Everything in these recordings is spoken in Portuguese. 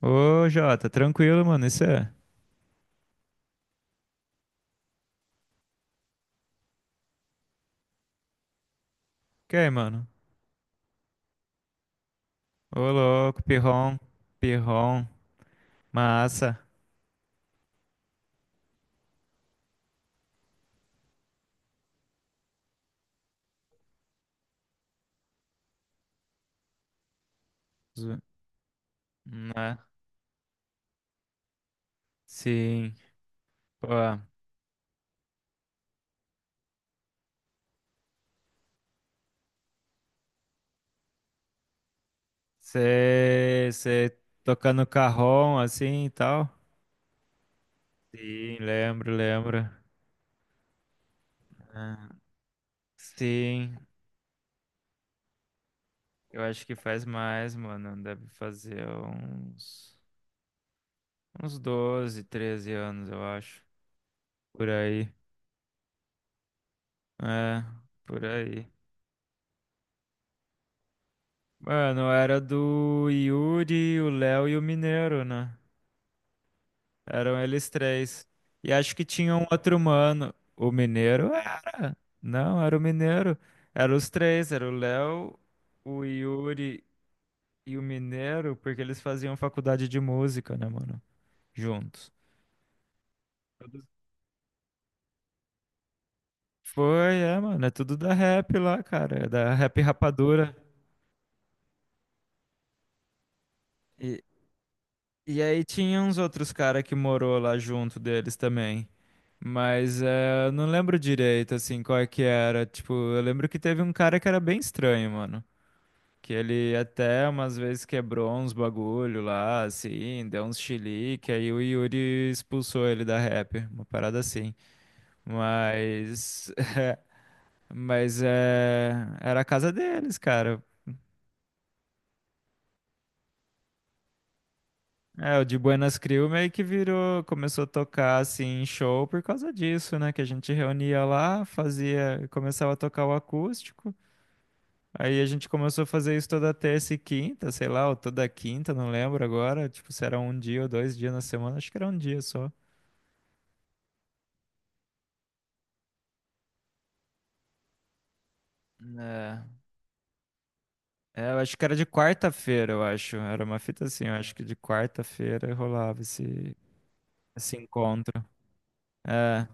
Ô, Jota, tranquilo, mano. Isso é. Que aí, mano? Ô, louco, pirrom, pirrom, massa. Zo- Né? Sim. Pô, você tocando carrom assim e tal? Sim, lembro, lembro. Ah, sim, eu acho que faz mais, mano. Deve fazer uns, uns 12, 13 anos, eu acho. Por aí. É, por aí. Mano, era do Yuri, o Léo e o Mineiro, né? Eram eles três. E acho que tinha um outro mano. O Mineiro era. Não, era o Mineiro. Eram os três, era o Léo, o Yuri e o Mineiro, porque eles faziam faculdade de música, né, mano? Juntos. Foi, é, mano, é tudo da rap lá, cara, é da rap rapadura. E aí tinha uns outros cara que morou lá junto deles também. Mas é, eu não lembro direito, assim, qual é que era. Tipo, eu lembro que teve um cara que era bem estranho, mano. Que ele até umas vezes quebrou uns bagulho lá, assim, deu uns chilique, aí o Yuri expulsou ele da rap, uma parada assim. Mas, mas é, era a casa deles, cara. É, o de Buenas Crew meio que virou, começou a tocar assim em show por causa disso, né? Que a gente reunia lá, fazia, começava a tocar o acústico. Aí a gente começou a fazer isso toda terça e quinta, sei lá, ou toda quinta, não lembro agora. Tipo, se era um dia ou dois dias na semana, acho que era um dia só. É, é, eu acho que era de quarta-feira, eu acho. Era uma fita assim, eu acho que de quarta-feira rolava esse, esse encontro. É.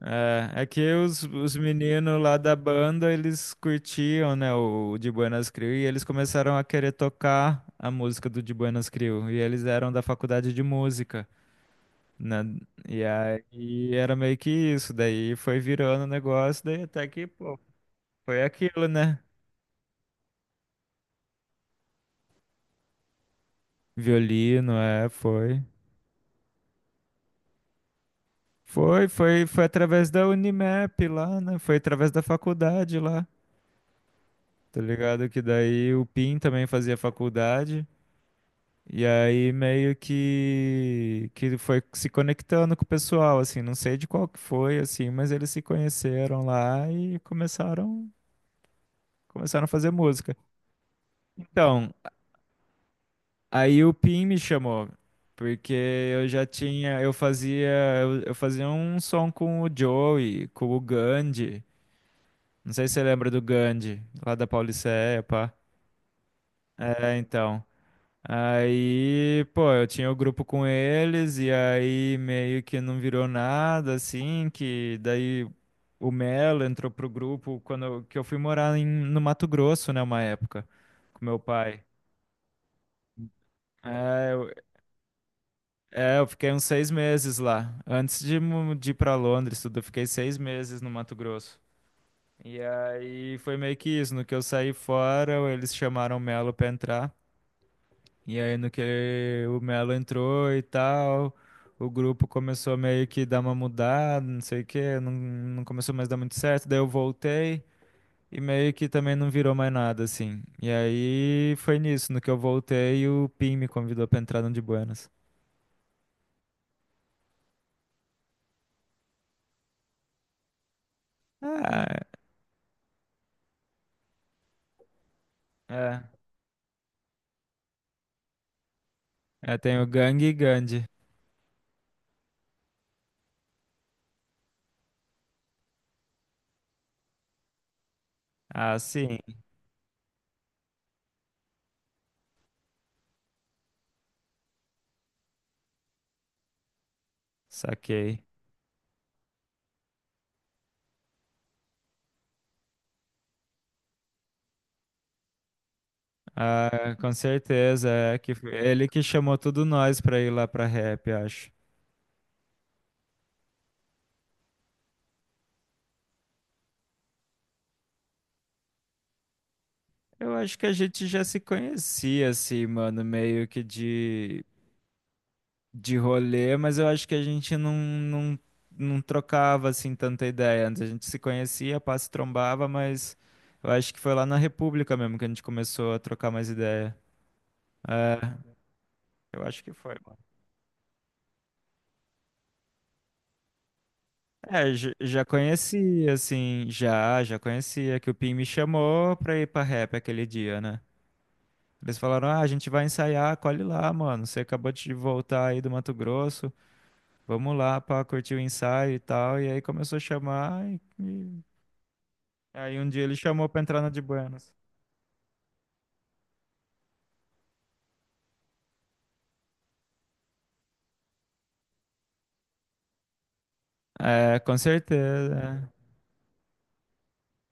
É, é que os meninos lá da banda, eles curtiam, né, o De Buenas Crew, e eles começaram a querer tocar a música do De Buenas Crew, e eles eram da faculdade de música, né, e aí era meio que isso, daí foi virando o negócio, daí até que, pô, foi aquilo, né, violino, é, foi através da Unimep lá, né, foi através da faculdade lá, tá ligado, que daí o PIN também fazia faculdade. E aí meio que ele foi se conectando com o pessoal, assim, não sei de qual que foi, assim, mas eles se conheceram lá e começaram a fazer música. Então, aí o Pim me chamou, porque eu já tinha, eu fazia, eu fazia um som com o Joey, com o Gandhi. Não sei se você lembra do Gandhi, lá da Pauliceia, pá. É, então. Aí, pô, eu tinha o grupo com eles e aí meio que não virou nada, assim, que daí o Melo entrou pro grupo quando eu, que eu fui morar em- no Mato Grosso, né, uma época, com meu pai. É, eu, é, eu fiquei uns seis meses lá. Antes de, mu- de ir pra Londres, tudo, eu fiquei seis meses no Mato Grosso. E aí foi meio que isso, no que eu saí fora, eles chamaram o Melo pra entrar. E aí, no que o Melo entrou e tal, o grupo começou meio que dar uma mudada, não sei o quê, não, não começou mais a dar muito certo. Daí eu voltei e meio que também não virou mais nada, assim. E aí foi nisso, no que eu voltei, o Pim me convidou pra entrar no de Buenas. Ah, é. É, tem o Gang e Gandhi. Ah, sim, saquei. Ah, com certeza, é que foi ele que chamou tudo nós pra ir lá pra rap, acho. Eu acho que a gente já se conhecia, assim, mano, meio que de rolê, mas eu acho que a gente não trocava, assim, tanta ideia. Antes a gente se conhecia, passe trombava, mas eu acho que foi lá na República mesmo que a gente começou a trocar mais ideia. É, eu acho que foi, mano. É, já, já conhecia, assim, já, já conhecia, que o Pim me chamou pra ir pra rap aquele dia, né? Eles falaram, ah, a gente vai ensaiar, colhe lá, mano, você acabou de voltar aí do Mato Grosso. Vamos lá pra curtir o ensaio e tal. E aí começou a chamar. E- aí um dia ele chamou pra entrar na de Buenos. É, com certeza.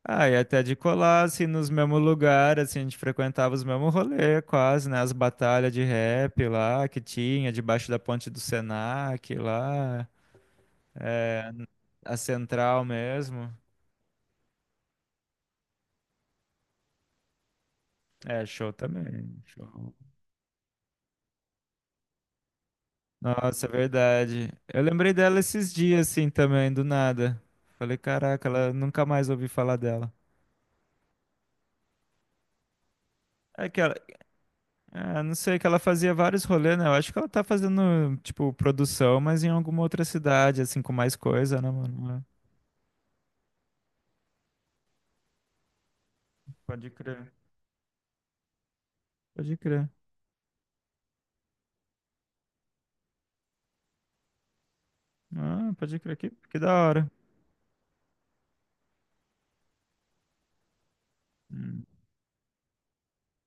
Ah, e até de colar, assim, nos mesmos lugares, assim, a gente frequentava os mesmos rolês, quase, né? As batalhas de rap lá que tinha, debaixo da ponte do Senac lá, é, a central mesmo. É, show também, show. Nossa, é verdade. Eu lembrei dela esses dias, assim, também, do nada. Falei, caraca, ela nunca mais ouvi falar dela. É que ela, ah, não sei, que ela fazia vários rolês, né? Eu acho que ela tá fazendo, tipo, produção, mas em alguma outra cidade, assim, com mais coisa, né, mano? É. Pode crer. Pode crer. Ah, pode crer. Que da hora. Hum,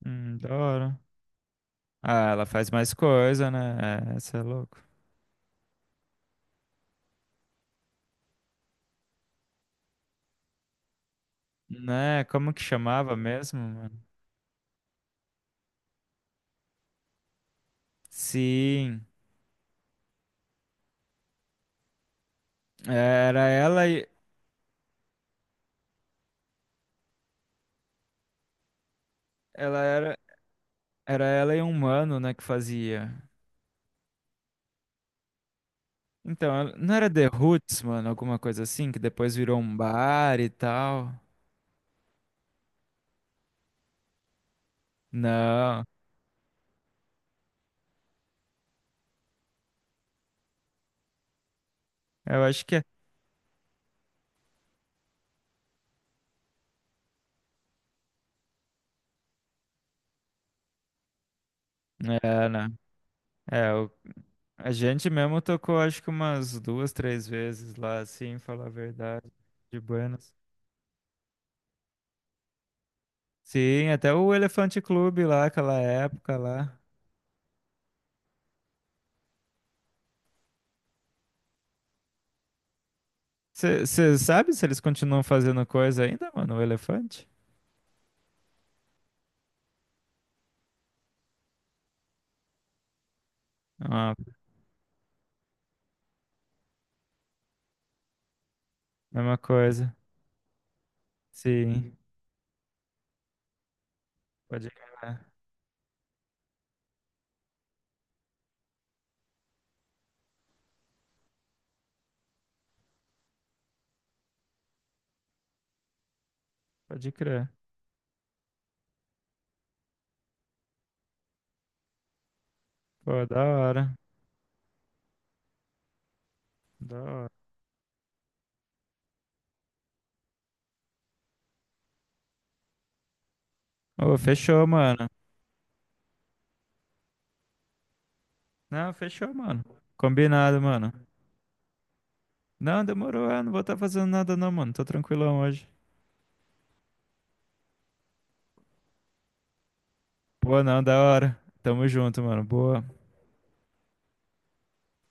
da hora. Ah, ela faz mais coisa, né? É, você é louco. Né? Como que chamava mesmo, mano? Sim. Era ela e. Ela era. Era ela e um mano, né, que fazia. Então, ela- não era The Roots, mano, alguma coisa assim, que depois virou um bar e tal. Não, eu acho que é. É, né? É, o- a gente mesmo tocou, acho que umas duas, três vezes lá, assim, falar a verdade, de Buenos. Sim, até o Elefante Clube lá, aquela época lá. Você sabe se eles continuam fazendo coisa ainda, mano, o Elefante? Ah, mesma coisa. Sim, pode crer, pode crer. Pô, da hora. Da hora. Ô, fechou, mano. Não, fechou, mano. Combinado, mano. Não, demorou. Ah, não vou estar fazendo nada, não, mano. Tô tranquilão hoje. Pô, não, da hora. Tamo junto, mano. Boa.